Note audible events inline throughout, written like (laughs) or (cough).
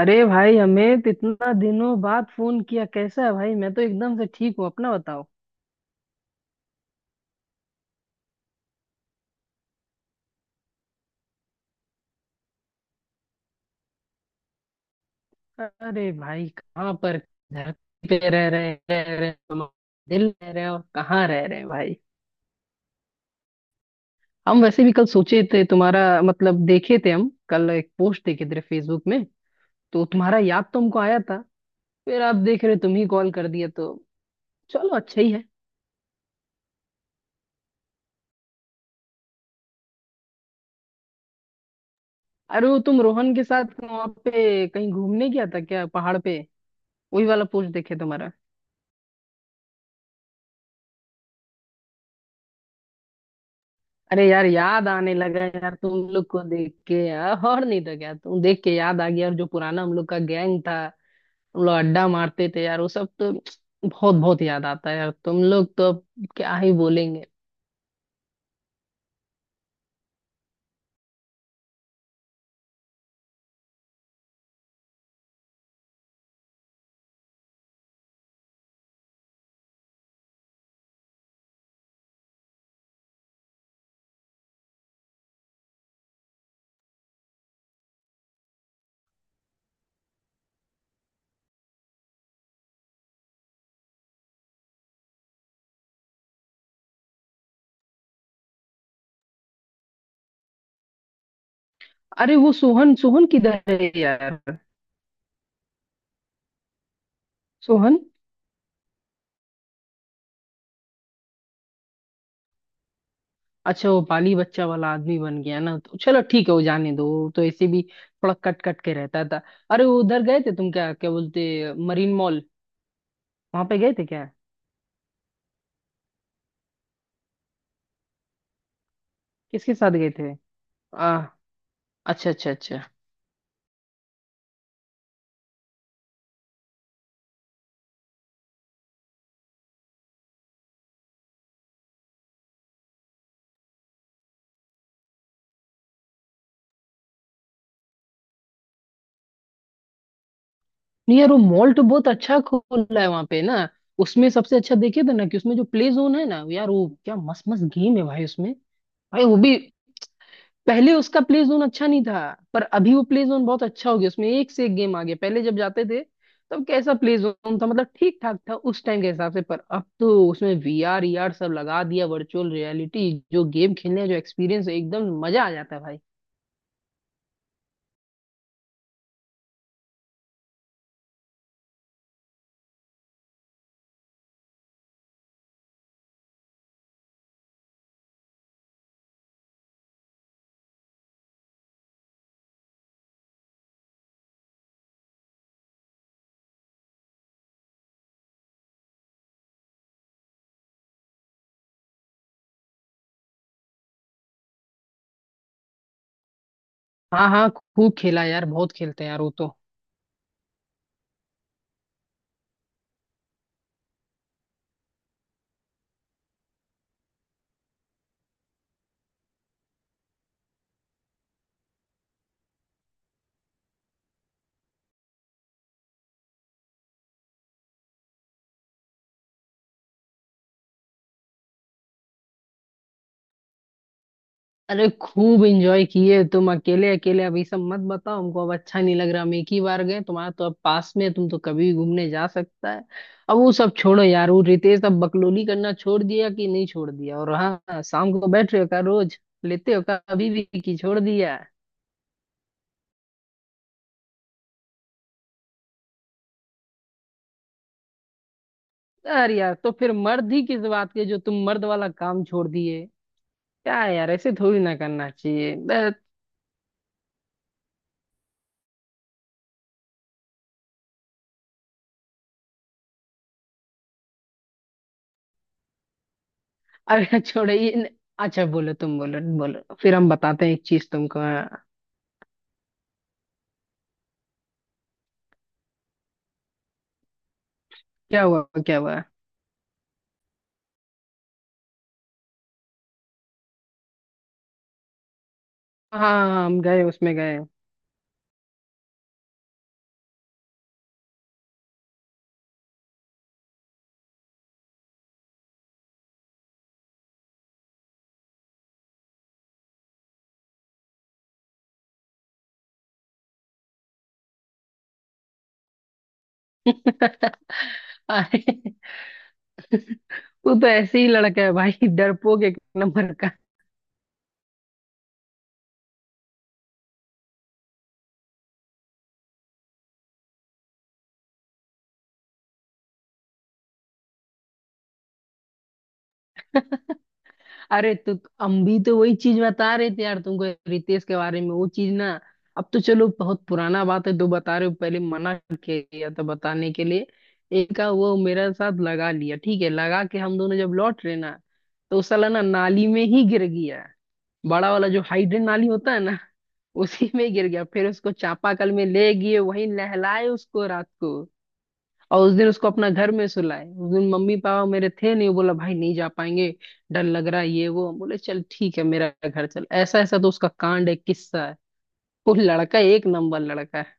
अरे भाई हमें तो इतना दिनों बाद फोन किया, कैसा है भाई? मैं तो एकदम से ठीक हूँ, अपना बताओ। अरे भाई कहाँ पर, धरती पे रह रहे तुम, दिल रह रहे और कहाँ रह रहे हैं भाई। हम वैसे भी कल सोचे थे, तुम्हारा मतलब देखे थे, हम कल एक पोस्ट देखे थे फेसबुक में, तो तुम्हारा याद तो हमको आया था। फिर आप देख रहे तुम ही कॉल कर दिया तो चलो अच्छा ही है। अरे वो तुम रोहन के साथ वहां पे कहीं घूमने गया था क्या, पहाड़ पे? वही वाला पोस्ट देखे तुम्हारा। अरे यार, याद आने लगा यार तुम लोग को देख के, यार और नहीं तो क्या, तुम देख के याद आ गया, और जो पुराना हम लोग का गैंग था, हम लोग अड्डा मारते थे यार, वो सब तो बहुत बहुत याद आता है यार। तुम लोग तो अब क्या ही बोलेंगे। अरे वो सोहन सोहन किधर है यार? सोहन। अच्छा वो पाली बच्चा वाला आदमी बन गया ना, तो चलो ठीक है, वो जाने दो, वो तो ऐसे भी थोड़ा कट कट के रहता था। अरे वो उधर गए थे तुम, क्या क्या बोलते, मरीन मॉल, वहां पे गए थे क्या? किसके साथ गए थे? आ, अच्छा अच्छा अच्छा। नहीं यार, वो मॉल तो बहुत अच्छा खुला है वहां पे ना, उसमें सबसे अच्छा देखे थे ना कि उसमें जो प्ले जोन है ना यार, वो क्या मस्त मस्त गेम है भाई उसमें। भाई वो भी पहले उसका प्ले जोन अच्छा नहीं था, पर अभी वो प्ले जोन बहुत अच्छा हो गया, उसमें एक से एक गेम आ गया। पहले जब जाते थे तब कैसा प्ले जोन था, मतलब ठीक ठाक था उस टाइम के हिसाब से, पर अब तो उसमें वीआर ईआर सब लगा दिया, वर्चुअल रियलिटी, जो गेम खेलने का जो एक्सपीरियंस है एकदम मजा आ जाता है भाई। हाँ हाँ, खूब खेला यार, बहुत खेलते हैं यार वो तो। अरे खूब एंजॉय किए तुम, अकेले अकेले अभी सब मत बताओ हमको, अब अच्छा नहीं लग रहा, हम एक ही बार गए, तुम्हारा तो अब पास में है, तुम तो कभी भी घूमने जा सकता है। अब वो सब छोड़ो यार, वो रितेश अब बकलोली करना छोड़ दिया कि नहीं छोड़ दिया? और हाँ, शाम को बैठ रहे हो क्या रोज? लेते हो क्या अभी भी कि छोड़ दिया? यार यार तो फिर मर्द ही किस बात के जो तुम मर्द वाला काम छोड़ दिए? क्या है यार, ऐसे थोड़ी ना करना चाहिए बस। अरे छोड़ो ये न- अच्छा बोलो, तुम बोलो बोलो, फिर हम बताते हैं एक चीज तुमको, हाँ। क्या हुआ क्या हुआ? हाँ, हम गए, उसमें गए। (laughs) अरे तू तो ऐसे ही लड़का है भाई, डरपोक एक नंबर का। (laughs) अरे हम भी तो वही चीज बता रहे थे यार तुमको, रितेश के बारे में वो चीज ना। अब तो चलो बहुत पुराना बात है, दो बता रहे हो, पहले मना किया था बताने के लिए। एक का वो मेरे साथ लगा लिया, ठीक है लगा के हम दोनों जब लौट रहे ना, तो वो साला ना नाली में ही गिर गया। बड़ा वाला जो हाइड्रेंट नाली होता है, उसी में गिर गया। फिर उसको चापाकल में ले गए, वहीं नहलाए उसको रात को। और उस दिन उसको अपना घर में सुलाए, उस दिन मम्मी पापा मेरे थे नहीं, वो बोला भाई नहीं जा पाएंगे, डर लग रहा है ये वो, हम बोले चल ठीक है मेरा घर चल। ऐसा ऐसा तो उसका कांड है, किस्सा है। वो लड़का एक नंबर लड़का है।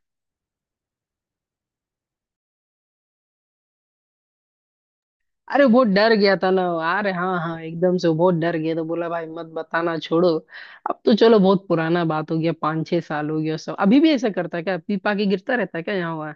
अरे वो डर गया था ना, अरे हाँ हाँ, एकदम से वो बहुत डर गया, तो बोला भाई मत बताना, छोड़ो। अब तो चलो बहुत पुराना बात हो गया, 5 6 साल हो गया। सब अभी भी ऐसा करता है क्या, पीपा के गिरता रहता है क्या यहाँ?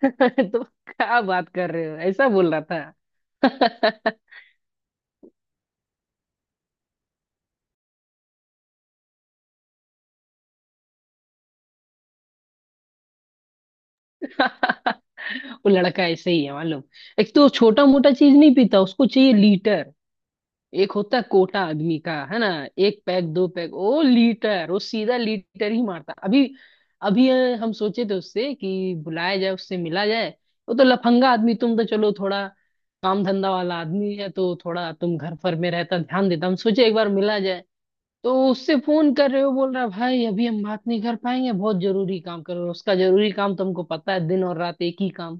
(laughs) तुम क्या बात कर रहे हो, ऐसा बोल रहा था? (laughs) वो लड़का ऐसे ही है मालूम। एक तो छोटा मोटा चीज नहीं पीता, उसको चाहिए लीटर। एक होता है कोटा आदमी का, है ना? एक पैक दो पैक ओ लीटर, वो सीधा लीटर ही मारता अभी। अभी हम सोचे थे उससे कि बुलाया जाए, उससे मिला जाए। वो तो लफंगा आदमी, तुम तो चलो थोड़ा काम धंधा वाला आदमी है, तो थोड़ा तुम घर पर में रहता, ध्यान देता, हम सोचे एक बार मिला जाए। तो उससे फोन कर रहे हो बोल रहा है भाई अभी हम बात नहीं कर पाएंगे, बहुत जरूरी काम करो, उसका जरूरी काम तुमको पता है, दिन और रात एक ही काम।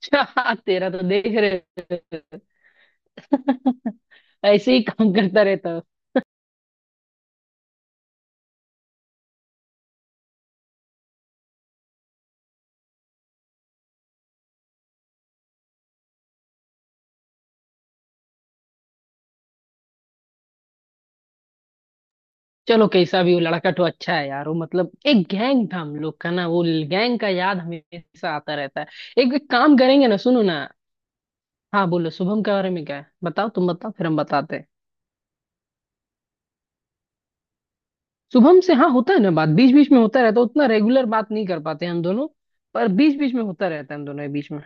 (laughs) तेरा तो देख रहे (laughs) हो। ऐसे ही काम करता रहता हो। चलो कैसा भी वो लड़का तो अच्छा है यार, वो मतलब एक गैंग था हम लोग का ना, वो गैंग का याद हमेशा आता रहता है। एक एक काम करेंगे ना, सुनो ना। हाँ बोलो, शुभम के बारे में क्या है बताओ, तुम बताओ फिर हम बताते हैं। शुभम से हाँ होता है ना बात, बीच बीच में होता रहता है, उतना रेगुलर बात नहीं कर पाते हम दोनों, पर बीच बीच में होता रहता है हम दोनों के बीच में।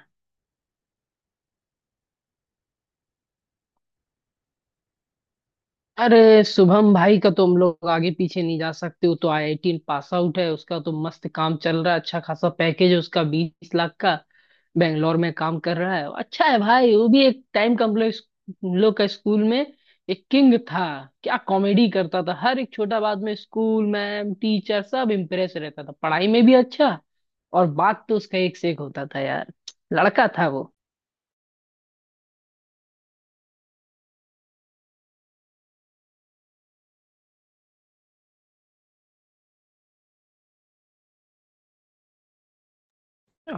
अरे शुभम भाई का तुम लोग आगे पीछे नहीं जा सकते, वो तो आईआईटी पास आउट है, उसका तो मस्त काम चल रहा है, अच्छा खासा पैकेज है उसका 20 लाख का, बेंगलोर में काम कर रहा है। अच्छा है भाई वो भी। एक टाइम का हम लोग, हम लोग का स्कूल में एक किंग था, क्या कॉमेडी करता था हर एक छोटा बात में, स्कूल मैम टीचर सब इम्प्रेस रहता था, पढ़ाई में भी अच्छा, और बात तो उसका एक से एक होता था यार, लड़का था वो।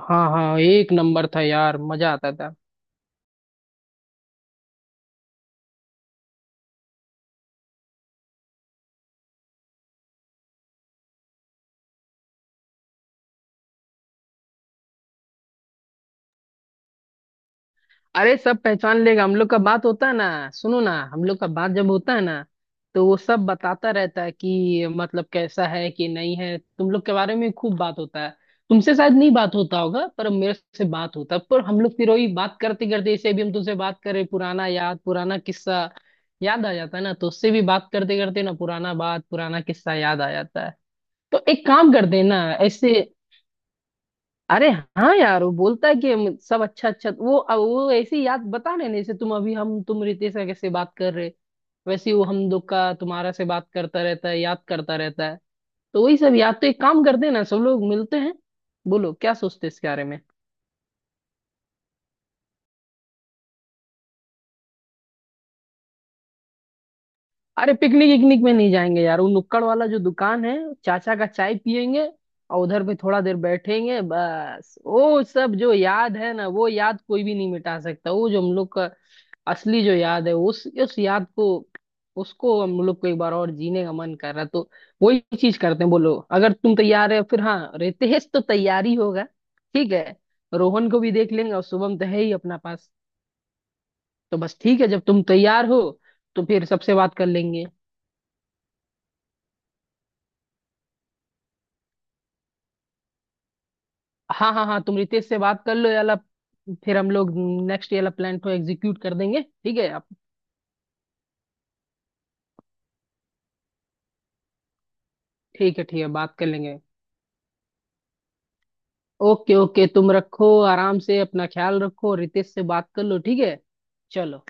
हाँ हाँ एक नंबर था यार, मजा आता था। अरे सब पहचान लेगा, हम लोग का बात होता है ना, सुनो ना, हम लोग का बात जब होता है ना, तो वो सब बताता रहता है कि मतलब कैसा है कि नहीं है, तुम लोग के बारे में खूब बात होता है। तुमसे शायद नहीं बात होता होगा पर मेरे से बात होता है, पर हम लोग फिर वही बात करते करते, जैसे अभी हम तुमसे बात करें, पुराना याद, पुराना किस्सा याद आ जाता है ना, तो उससे भी बात करते करते ना पुराना बात पुराना किस्सा याद आ जाता है। तो एक काम करते हैं ना ऐसे। अरे हाँ यार वो बोलता है कि हम सब, अच्छा अच्छा वो अब वो ऐसी याद बता रहे ना, जैसे तुम अभी, हम तुम रितेश का कैसे बात कर रहे, वैसे ही वो हम लोग का तुम्हारा से बात करता रहता है, याद करता रहता है, तो वही सब याद। तो एक काम करते हैं ना, सब लोग मिलते हैं, बोलो क्या सोचते हैं इसके बारे में। अरे पिकनिक इकनिक में नहीं जाएंगे यार, वो नुक्कड़ वाला जो दुकान है, चाचा का चाय पियेंगे और उधर पे थोड़ा देर बैठेंगे बस, वो सब जो याद है ना, वो याद कोई भी नहीं मिटा सकता, वो जो हम लोग का असली जो याद है, उस याद को, उसको हम लोग को एक बार और जीने का मन कर रहा है, तो वही चीज करते हैं। बोलो अगर तुम तैयार है, फिर हाँ रितेश तो तैयारी होगा, ठीक है, रोहन को भी देख लेंगे, और शुभम तो है ही अपना पास। तो बस ठीक है, जब तुम तैयार हो तो फिर सबसे बात कर लेंगे। हाँ हाँ हाँ तुम रितेश से बात कर लो याला, फिर हम लोग नेक्स्ट याला प्लान को एग्जीक्यूट कर देंगे, ठीक है आप। ठीक है बात कर लेंगे। ओके ओके तुम रखो, आराम से अपना ख्याल रखो, रितेश से बात कर लो, ठीक है, चलो।